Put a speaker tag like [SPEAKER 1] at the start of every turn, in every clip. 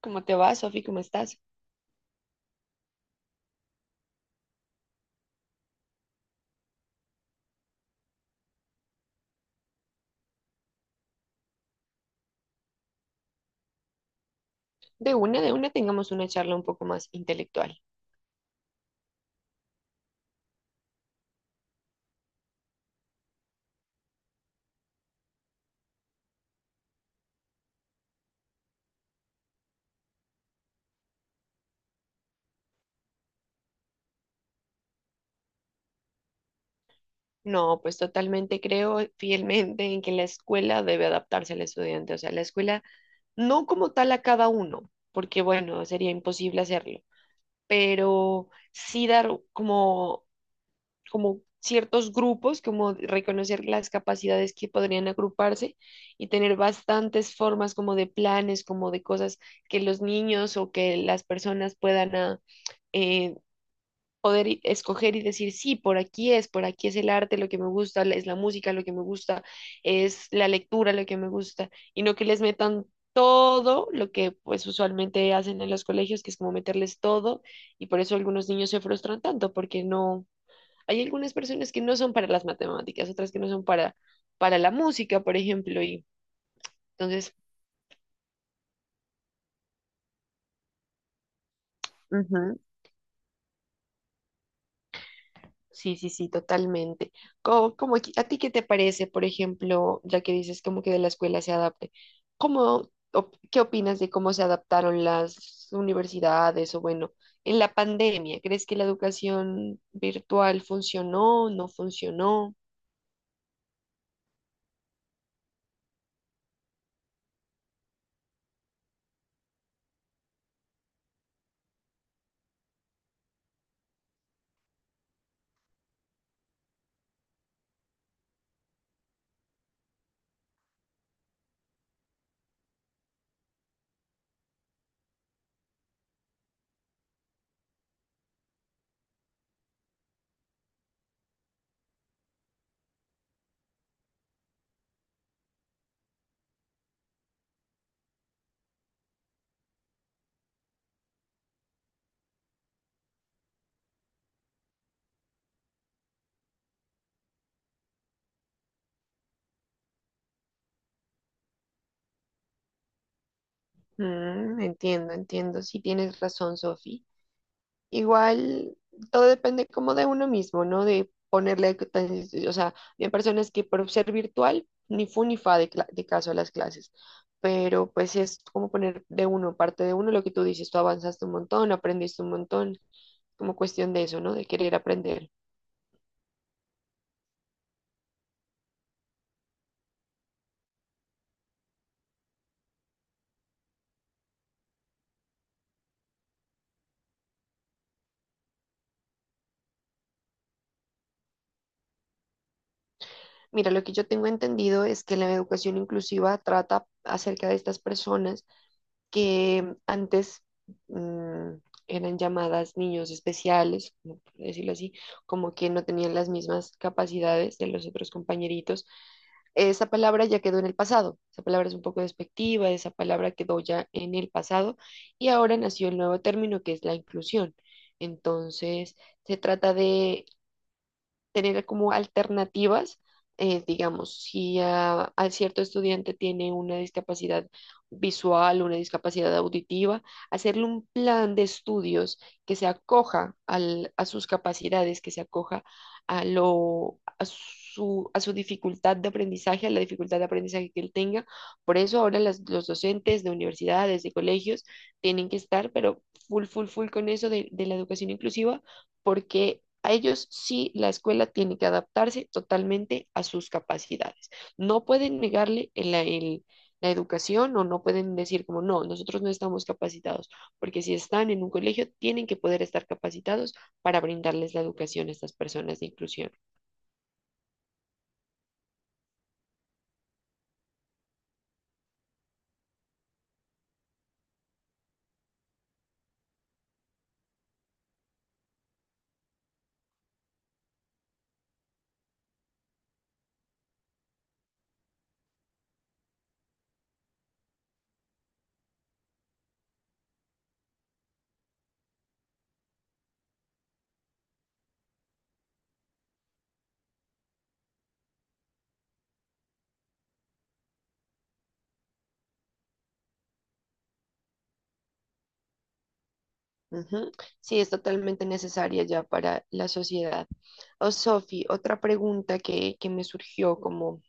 [SPEAKER 1] ¿Cómo te va, Sofi? ¿Cómo estás? De una, tengamos una charla un poco más intelectual. No, pues totalmente creo fielmente en que la escuela debe adaptarse al estudiante, o sea, la escuela no como tal a cada uno, porque bueno, sería imposible hacerlo, pero sí dar como, como ciertos grupos, como reconocer las capacidades que podrían agruparse y tener bastantes formas como de planes, como de cosas que los niños o que las personas puedan... eh, poder escoger y decir, sí, por aquí es el arte lo que me gusta, es la música lo que me gusta, es la lectura lo que me gusta, y no que les metan todo lo que pues usualmente hacen en los colegios, que es como meterles todo, y por eso algunos niños se frustran tanto, porque no, hay algunas personas que no son para las matemáticas, otras que no son para la música, por ejemplo, y entonces... Sí, sí, sí, totalmente. Como, a ti qué te parece, por ejemplo, ya que dices como que de la escuela se adapte, ¿cómo, qué opinas de cómo se adaptaron las universidades o bueno, en la pandemia? ¿Crees que la educación virtual funcionó, no funcionó? Mm, entiendo, entiendo. Sí, tienes razón, Sofi. Igual, todo depende como de uno mismo, ¿no? De ponerle, o sea, hay personas que por ser virtual, ni fu ni fa de, de caso a las clases, pero pues sí es como poner de uno, parte de uno, lo que tú dices, tú avanzaste un montón, aprendiste un montón, como cuestión de eso, ¿no? De querer aprender. Mira, lo que yo tengo entendido es que la educación inclusiva trata acerca de estas personas que antes mmm, eran llamadas niños especiales, como por decirlo así, como que no tenían las mismas capacidades de los otros compañeritos. Esa palabra ya quedó en el pasado, esa palabra es un poco despectiva, esa palabra quedó ya en el pasado y ahora nació el nuevo término que es la inclusión. Entonces, se trata de tener como alternativas, digamos, si a cierto estudiante tiene una discapacidad visual, una discapacidad auditiva, hacerle un plan de estudios que se acoja a sus capacidades, que se acoja a a su dificultad de aprendizaje, a la dificultad de aprendizaje que él tenga. Por eso ahora los docentes de universidades, de colegios, tienen que estar, pero full, full, full con eso de la educación inclusiva porque a ellos sí la escuela tiene que adaptarse totalmente a sus capacidades. No pueden negarle la educación o no pueden decir como, no, nosotros no estamos capacitados, porque si están en un colegio, tienen que poder estar capacitados para brindarles la educación a estas personas de inclusión. Ujú. Sí, es totalmente necesaria ya para la sociedad. Oh, Sofi, otra pregunta que me surgió como,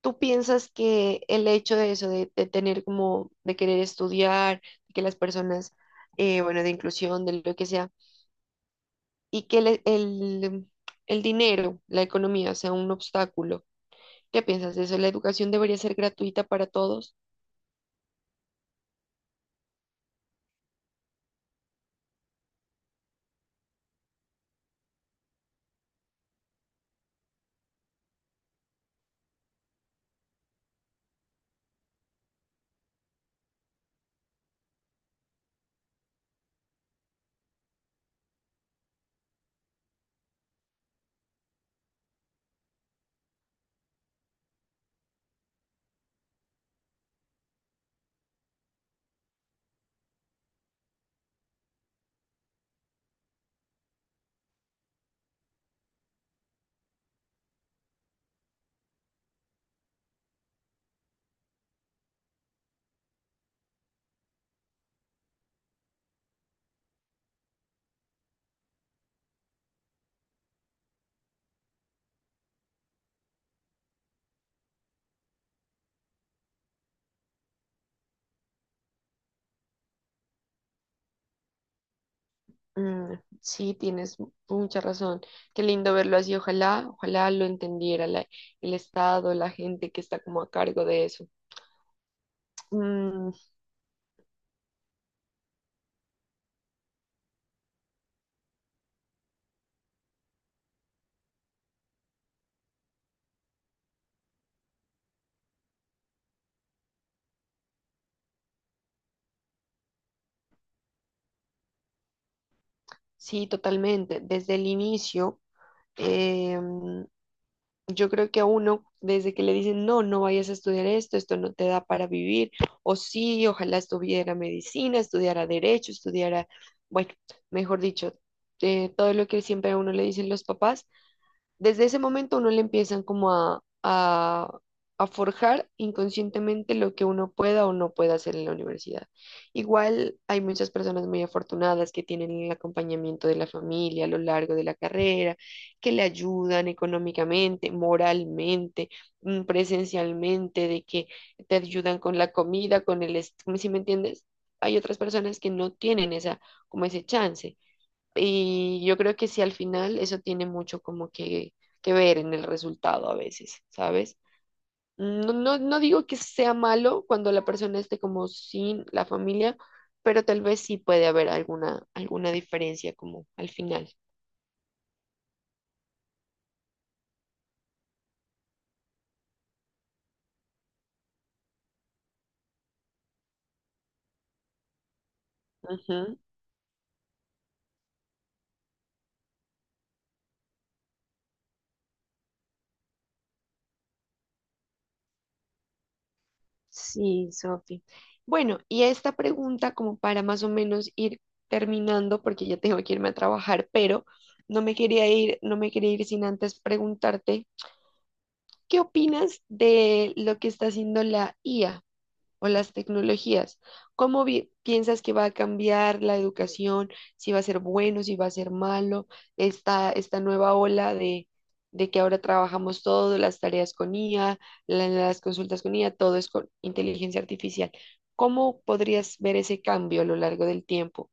[SPEAKER 1] ¿tú piensas que el hecho de eso, de tener como, de querer estudiar, de que las personas, bueno, de inclusión, de lo que sea, y que el dinero, la economía sea un obstáculo? ¿Qué piensas de eso? ¿La educación debería ser gratuita para todos? Mm, sí, tienes mucha razón. Qué lindo verlo así. Ojalá, ojalá lo entendiera el Estado, la gente que está como a cargo de eso. Mm, sí, totalmente. Desde el inicio. Yo creo que a uno, desde que le dicen, no, no vayas a estudiar esto, esto no te da para vivir, o sí, ojalá estuviera medicina, estudiara derecho, estudiara, bueno, mejor dicho, todo lo que siempre a uno le dicen los papás, desde ese momento a uno le empiezan como a forjar inconscientemente lo que uno pueda o no pueda hacer en la universidad. Igual hay muchas personas muy afortunadas que tienen el acompañamiento de la familia a lo largo de la carrera, que le ayudan económicamente, moralmente, mm, presencialmente, de que te ayudan con la comida, con el, ¿sí me entiendes? Hay otras personas que no tienen esa, como ese chance. Y yo creo que sí, al final eso tiene mucho como que ver en el resultado a veces, ¿sabes? No digo que sea malo cuando la persona esté como sin la familia, pero tal vez sí puede haber alguna, alguna diferencia como al final. Ujú. Sí, Sofi. Bueno, y esta pregunta como para más o menos ir terminando, porque ya tengo que irme a trabajar, pero no me quería ir sin antes preguntarte. ¿Qué opinas de lo que está haciendo la IA o las tecnologías? ¿Cómo piensas que va a cambiar la educación? ¿Si va a ser bueno, si va a ser malo? Esta nueva ola de que ahora trabajamos todo, las tareas con IA, las consultas con IA, todo es con inteligencia artificial. ¿Cómo podrías ver ese cambio a lo largo del tiempo?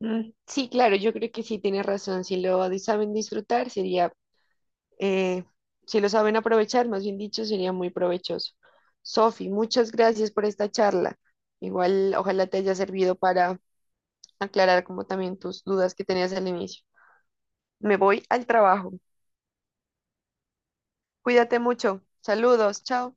[SPEAKER 1] Mm, sí, claro, yo creo que sí tienes razón. Si lo saben disfrutar, sería... Eh, si lo saben aprovechar, más bien dicho, sería muy provechoso. Sofi, muchas gracias por esta charla. Igual, ojalá te haya servido para aclarar como también tus dudas que tenías al inicio. Me voy al trabajo. Cuídate mucho. Saludos, chao.